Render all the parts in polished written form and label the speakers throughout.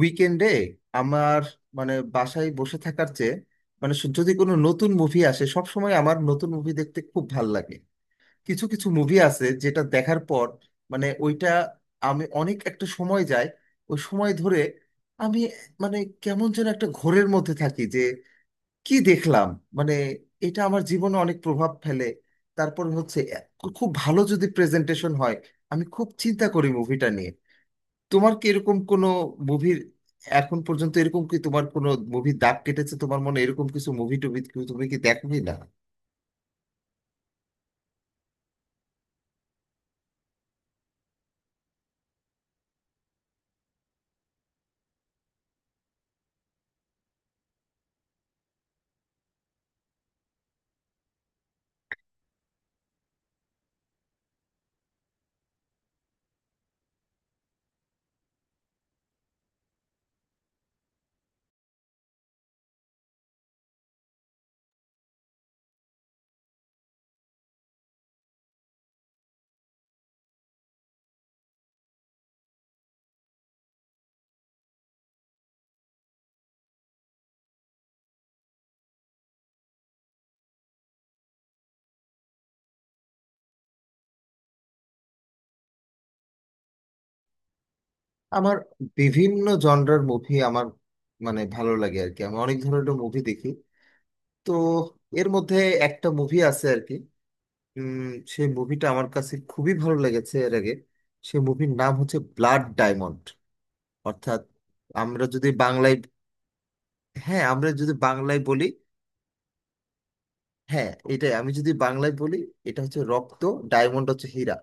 Speaker 1: উইকেন্ডে আমার মানে বাসায় বসে থাকার চেয়ে মানে যদি কোনো নতুন মুভি আসে সব সময় আমার নতুন মুভি দেখতে খুব ভাল লাগে। কিছু কিছু মুভি আছে যেটা দেখার পর মানে ওইটা আমি অনেক একটা সময় যায়, ওই সময় ধরে আমি মানে কেমন যেন একটা ঘোরের মধ্যে থাকি যে কি দেখলাম, মানে এটা আমার জীবনে অনেক প্রভাব ফেলে। তারপর হচ্ছে খুব ভালো যদি প্রেজেন্টেশন হয়, আমি খুব চিন্তা করি মুভিটা নিয়ে। তোমার কি এরকম কোনো মুভির এখন পর্যন্ত এরকম কি তোমার কোনো মুভি দাগ কেটেছে তোমার মনে, এরকম কিছু মুভি টুভি কি তুমি কি দেখো কি না? আমার বিভিন্ন জনরার মুভি আমার মানে ভালো লাগে আর কি, আমি অনেক ধরনের মুভি দেখি। তো এর মধ্যে একটা মুভি আছে আর কি, সেই মুভিটা আমার কাছে খুবই ভালো লেগেছে এর আগে। সেই মুভির নাম হচ্ছে ব্লাড ডায়মন্ড। অর্থাৎ আমরা যদি বাংলায়, হ্যাঁ আমরা যদি বাংলায় বলি, হ্যাঁ এটাই, আমি যদি বাংলায় বলি এটা হচ্ছে রক্ত, ডায়মন্ড হচ্ছে হীরা।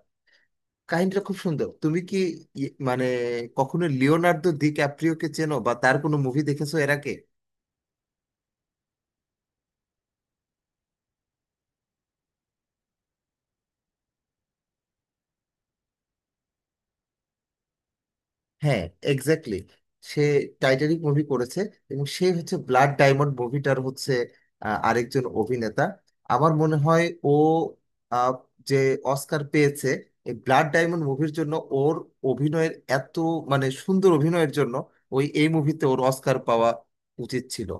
Speaker 1: কাহিনীটা খুব সুন্দর। তুমি কি মানে কখনো লিওনার্দো ডি ক্যাপ্রিওকে চেনো বা তার কোনো মুভি দেখেছো এর আগে? হ্যাঁ, এক্স্যাক্টলি, সে টাইটানিক মুভি করেছে। এবং সে হচ্ছে ব্লাড ডায়মন্ড মুভিটার হচ্ছে আরেকজন অভিনেতা আমার মনে হয়, ও, আহ, যে অস্কার পেয়েছে এই ব্লাড ডায়মন্ড মুভির জন্য। ওর অভিনয়ের এত মানে সুন্দর অভিনয়ের জন্য ওই এই মুভিতে ওর অস্কার পাওয়া উচিত ছিল,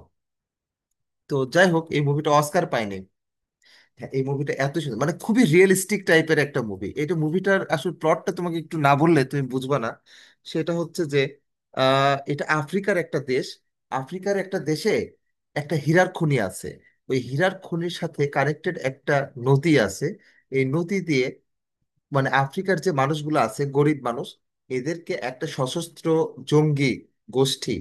Speaker 1: তো যাই হোক এই মুভিটা অস্কার পায়নি। হ্যাঁ এই মুভিটা এত সুন্দর, মানে খুবই রিয়েলিস্টিক টাইপের একটা মুভি এটা। মুভিটার আসলে প্লটটা তোমাকে একটু না বললে তুমি বুঝবা না। সেটা হচ্ছে যে এটা আফ্রিকার একটা দেশ। আফ্রিকার একটা দেশে একটা হীরার খনি আছে, ওই হীরার খনির সাথে কানেক্টেড একটা নদী আছে। এই নদী দিয়ে মানে আফ্রিকার যে মানুষগুলো আছে গরিব মানুষ, এদেরকে একটা সশস্ত্র জঙ্গি গোষ্ঠী,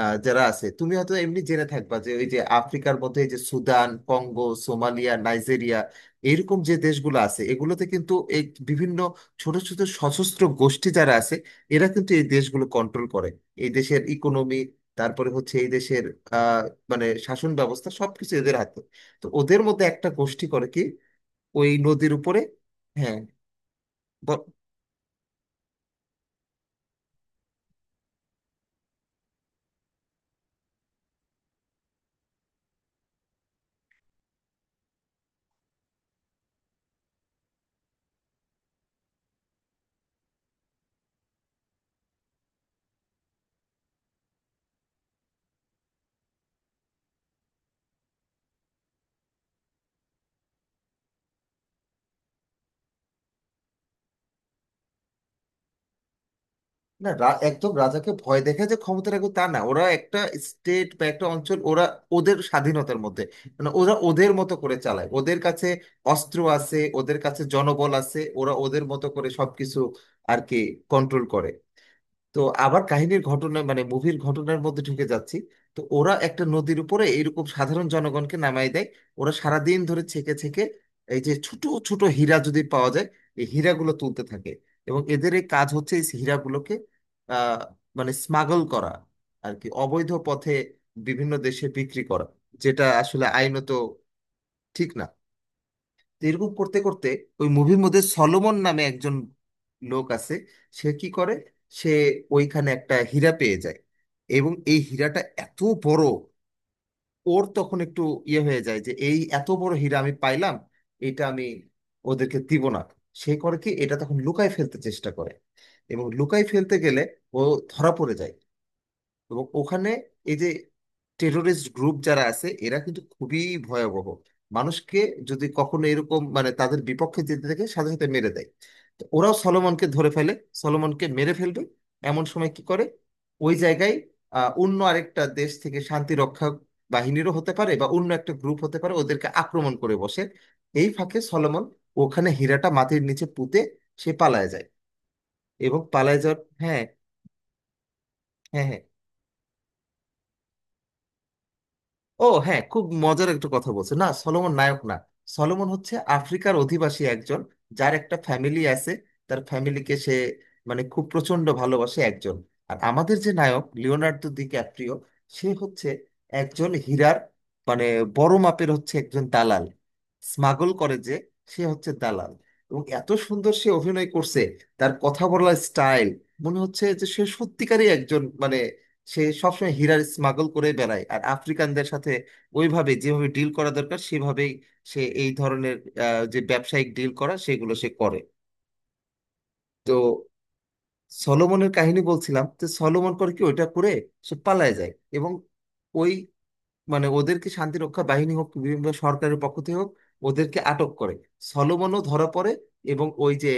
Speaker 1: যারা আছে, তুমি হয়তো এমনি জেনে থাকবা যে ওই যে আফ্রিকার মধ্যে এই যে সুদান, কঙ্গো, সোমালিয়া, নাইজেরিয়া, এরকম যে দেশগুলো আছে এগুলোতে কিন্তু এই বিভিন্ন ছোট ছোট সশস্ত্র গোষ্ঠী যারা আছে এরা কিন্তু এই দেশগুলো কন্ট্রোল করে, এই দেশের ইকোনমি, তারপরে হচ্ছে এই দেশের আহ মানে শাসন ব্যবস্থা সবকিছু এদের হাতে। তো ওদের মধ্যে একটা গোষ্ঠী করে কি ওই নদীর উপরে, হ্যাঁ, না একদম রাজাকে ভয় দেখে যে ক্ষমতা রাখবে তা না, ওরা একটা স্টেট বা একটা অঞ্চল ওরা ওদের স্বাধীনতার মধ্যে মানে ওরা ওদের মতো করে চালায়। ওদের কাছে অস্ত্র আছে, ওদের কাছে জনবল আছে, ওরা ওদের মতো করে সবকিছু আর কি কন্ট্রোল করে। তো আবার কাহিনীর ঘটনা মানে মুভির ঘটনার মধ্যে ঢুকে যাচ্ছি। তো ওরা একটা নদীর উপরে এরকম সাধারণ জনগণকে নামাই দেয়, ওরা সারাদিন ধরে ছেকে ছেকে এই যে ছোট ছোট হীরা যদি পাওয়া যায়, এই হীরাগুলো তুলতে থাকে। এবং এদের এই কাজ হচ্ছে এই হীরাগুলোকে আহ মানে স্মাগল করা আর কি, অবৈধ পথে বিভিন্ন দেশে বিক্রি করা, যেটা আসলে আইনত ঠিক না। তো এরকম করতে করতে ওই মুভির মধ্যে সলোমন নামে একজন লোক আছে, সে কি করে, সে ওইখানে একটা হীরা পেয়ে যায় এবং এই হীরাটা এত বড়, ওর তখন একটু ইয়ে হয়ে যায় যে এই এত বড় হীরা আমি পাইলাম, এটা আমি ওদেরকে দিব না। সে করে কি এটা তখন লুকায় ফেলতে চেষ্টা করে, এবং লুকায় ফেলতে গেলে ও ধরা পড়ে যায়। এবং ওখানে এই যে টেরোরিস্ট গ্রুপ যারা আছে এরা কিন্তু খুবই ভয়াবহ, মানুষকে যদি কখনো এরকম মানে তাদের বিপক্ষে যেতে থাকে সাথে সাথে মেরে দেয়। তো ওরাও সলোমনকে ধরে ফেলে, সলোমনকে মেরে ফেলবে এমন সময় কি করে ওই জায়গায় অন্য আরেকটা দেশ থেকে শান্তি রক্ষা বাহিনীরও হতে পারে বা অন্য একটা গ্রুপ হতে পারে ওদেরকে আক্রমণ করে বসে। এই ফাঁকে সলোমন ওখানে হীরাটা মাটির নিচে পুঁতে সে পালায় যায়। এবং পালায় যাওয়ার, হ্যাঁ, হ্যাঁ হ্যাঁ, ও হ্যাঁ খুব মজার একটা কথা বলছে না, সলোমন নায়ক না। সলোমন হচ্ছে আফ্রিকার অধিবাসী একজন যার একটা ফ্যামিলি আছে, তার ফ্যামিলিকে সে মানে খুব প্রচন্ড ভালোবাসে একজন। আর আমাদের যে নায়ক লিওনার্দো ডিক্যাপ্রিও, সে হচ্ছে একজন হীরার মানে বড় মাপের হচ্ছে একজন দালাল, স্মাগল করে যে, সে হচ্ছে দালাল। এবং এত সুন্দর সে অভিনয় করছে, তার কথা বলার স্টাইল, মনে হচ্ছে যে সে সত্যিকারই একজন মানে সে সবসময় হীরার স্মাগল করে বেড়ায় আর আফ্রিকানদের সাথে ওইভাবে যেভাবে ডিল করা দরকার সেভাবেই সে এই ধরনের যে ব্যবসায়িক ডিল করা সেগুলো সে করে। তো সলোমনের কাহিনী বলছিলাম, তো সলোমন করে কি ওইটা করে সে পালায় যায়। এবং ওই মানে ওদেরকে শান্তি রক্ষা বাহিনী হোক বিভিন্ন সরকারের পক্ষ থেকে হোক ওদেরকে আটক করে, সলোমনও ধরা পড়ে। এবং ওই যে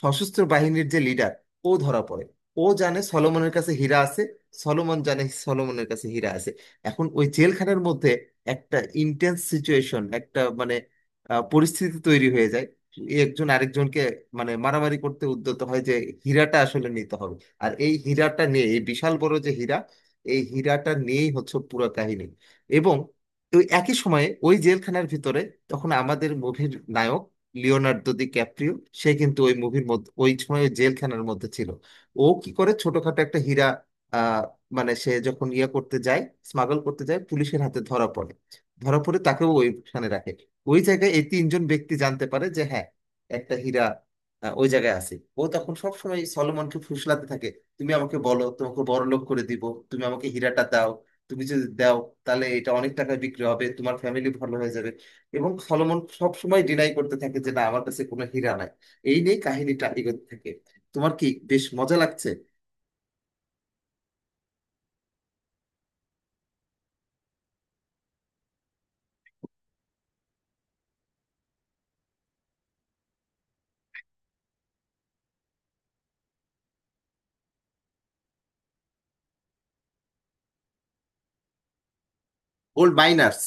Speaker 1: সশস্ত্র বাহিনীর যে লিডার ও ধরা পড়ে, ও জানে সলোমনের কাছে হীরা আছে, সলোমন জানে সলোমনের কাছে হীরা আছে। এখন ওই জেলখানার মধ্যে একটা ইন্টেন্স সিচুয়েশন একটা মানে পরিস্থিতি তৈরি হয়ে যায়, একজন আরেকজনকে মানে মারামারি করতে উদ্যত হয় যে হীরাটা আসলে নিতে হবে। আর এই হীরাটা নিয়ে এই বিশাল বড় যে হীরা, এই হীরাটা নিয়েই হচ্ছে পুরো কাহিনী। এবং ওই একই সময়ে ওই জেলখানার ভিতরে তখন আমাদের মুভির নায়ক লিওনার্দো দি ক্যাপ্রিও সে কিন্তু ওই মুভির মধ্যে ওই সময় ওই জেলখানার মধ্যে ছিল। ও কি করে, ছোটখাটো একটা হীরা আহ মানে সে যখন ইয়ে করতে যায়, স্মাগল করতে যায় পুলিশের হাতে ধরা পড়ে, ধরা পড়ে তাকেও ওইখানে রাখে। ওই জায়গায় এই তিনজন ব্যক্তি জানতে পারে যে হ্যাঁ একটা হীরা ওই জায়গায় আছে। ও তখন সবসময় সলোমনকে ফুসলাতে থাকে, তুমি আমাকে বলো তোমাকে বড়লোক করে দিব, তুমি আমাকে হীরাটা দাও, তুমি যদি দাও তাহলে এটা অনেক টাকা বিক্রি হবে, তোমার ফ্যামিলি ভালো হয়ে যাবে। এবং সলোমন সব সময় ডিনাই করতে থাকে যে না আমার কাছে কোনো হীরা নাই। এই নিয়ে কাহিনীটা এগোতে থাকে। তোমার কি বেশ মজা লাগছে? Gold minors.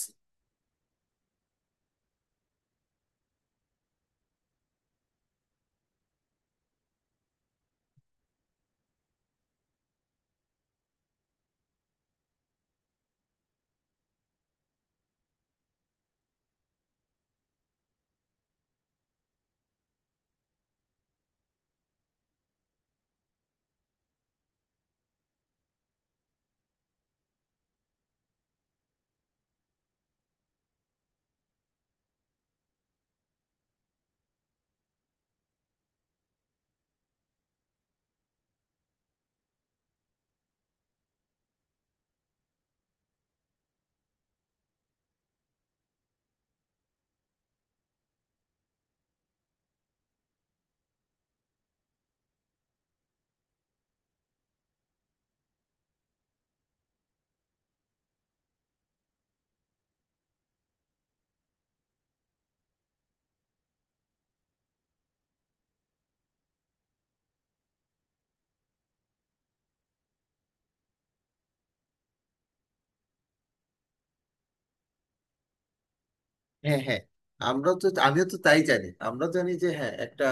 Speaker 1: হ্যাঁ হ্যাঁ, আমরা তো আমিও তো তাই জানি, আমরা জানি যে হ্যাঁ একটা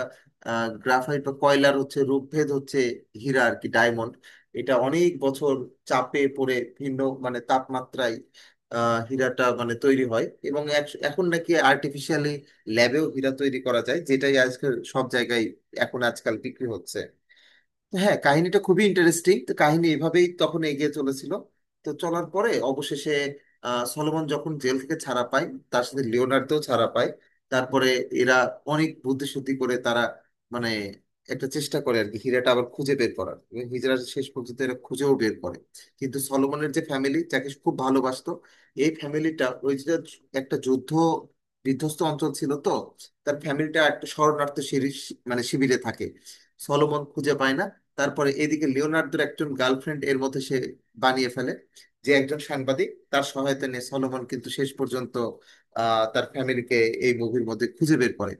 Speaker 1: গ্রাফাইট বা কয়লার হচ্ছে রূপভেদ হচ্ছে হীরা আর কি, ডায়মন্ড। এটা অনেক বছর চাপে পড়ে ভিন্ন মানে তাপমাত্রায় হীরাটা মানে তৈরি হয়। এবং এখন নাকি আর্টিফিশিয়ালি ল্যাবেও হীরা তৈরি করা যায়, যেটাই আজকাল সব জায়গায় এখন আজকাল বিক্রি হচ্ছে। হ্যাঁ কাহিনীটা খুবই ইন্টারেস্টিং। তো কাহিনী এভাবেই তখন এগিয়ে চলেছিল। তো চলার পরে অবশেষে সলোমন যখন জেল থেকে ছাড়া পায়, তার সাথে লিওনার্দও ছাড়া পায়। তারপরে এরা অনেক বুদ্ধিসুদ্ধি করে তারা মানে একটা চেষ্টা করে আর কি হীরাটা আবার খুঁজে বের করার, এবং হীরা শেষ পর্যন্ত এরা খুঁজেও বের করে। কিন্তু সলোমনের যে ফ্যামিলি যাকে সে খুব ভালোবাসতো, এই ফ্যামিলিটা ওই যে একটা যুদ্ধ বিধ্বস্ত অঞ্চল ছিল তো, তার ফ্যামিলিটা একটা শরণার্থী শিবির মানে শিবিরে থাকে, সলোমন খুঁজে পায় না। তারপরে এদিকে লিওনার্দোর একজন গার্লফ্রেন্ড এর মধ্যে সে বানিয়ে ফেলে, যে একজন সাংবাদিক, তার সহায়তা নিয়ে সলোমন কিন্তু শেষ পর্যন্ত তার ফ্যামিলিকে এই মুভির মধ্যে খুঁজে বের করে।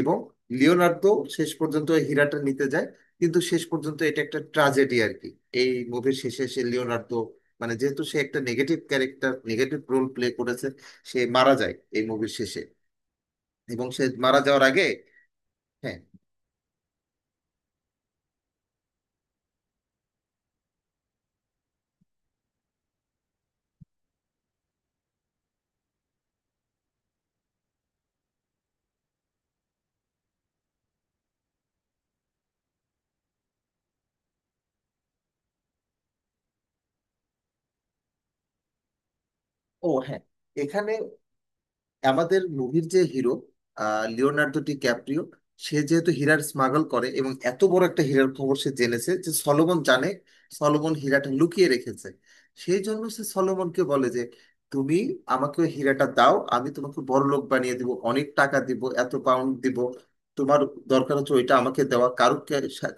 Speaker 1: এবং লিওনার্দো শেষ পর্যন্ত ওই হীরাটা নিতে যায়, কিন্তু শেষ পর্যন্ত এটা একটা ট্রাজেডি আর কি। এই মুভির শেষে সে, লিওনার্দো, মানে যেহেতু সে একটা negative character, negative role play করেছে, সে মারা যায় এই মুভির শেষে। এবং সে মারা যাওয়ার আগে, হ্যাঁ, ও হ্যাঁ, এখানে আমাদের মুভির যে হিরো লিওনার্দো ডি ক্যাপ্রিও, সে যেহেতু হীরার স্মাগল করে এবং এত বড় একটা হীরার খবর সে জেনেছে যে সলোমন জানে, সলোমন হীরাটা লুকিয়ে রেখেছে, সেই জন্য সে সলোমনকে বলে যে তুমি আমাকে ওই হীরাটা দাও, আমি তোমাকে বড়লোক বানিয়ে দিব, অনেক টাকা দিব, এত পাউন্ড দিব। তোমার দরকার হচ্ছে ওইটা আমাকে দেওয়া, কারো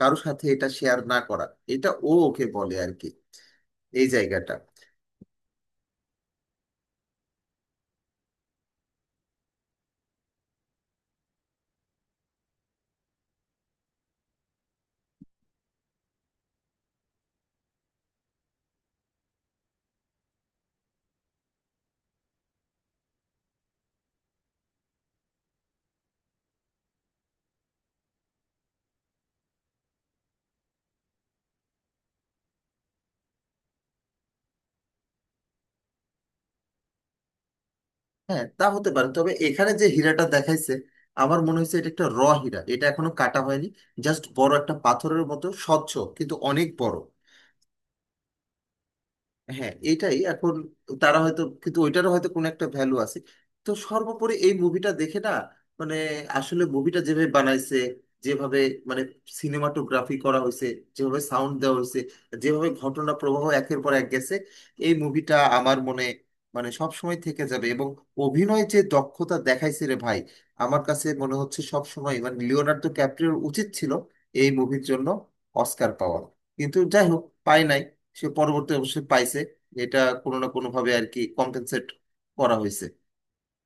Speaker 1: কারোর সাথে এটা শেয়ার না করা। এটা ও ওকে বলে আর কি, এই জায়গাটা। হ্যাঁ তা হতে পারে, তবে এখানে যে হীরাটা দেখাইছে আমার মনে হয়েছে এটা একটা র হীরা, এটা এখনো কাটা হয়নি, জাস্ট বড় একটা পাথরের মতো স্বচ্ছ কিন্তু অনেক বড়। হ্যাঁ এটাই, এখন তারা হয়তো, কিন্তু ওইটারও হয়তো কোনো একটা ভ্যালু আছে। তো সর্বোপরি এই মুভিটা দেখে না মানে আসলে মুভিটা যেভাবে বানাইছে, যেভাবে মানে সিনেমাটোগ্রাফি করা হয়েছে, যেভাবে সাউন্ড দেওয়া হয়েছে, যেভাবে ঘটনা প্রবাহ একের পর এক গেছে, এই মুভিটা আমার মনে মানে সব সময় থেকে যাবে। এবং অভিনয় যে দক্ষতা দেখাইছে রে ভাই, আমার কাছে মনে হচ্ছে সব সময় মানে লিওনার্দো ক্যাপ্রিওর উচিত ছিল এই মুভির জন্য অস্কার পাওয়া। কিন্তু যাই হোক পাই নাই, সে পরবর্তী অবশ্যই পাইছে, এটা কোনো না কোনো ভাবে আর কি কম্পেনসেট করা হয়েছে।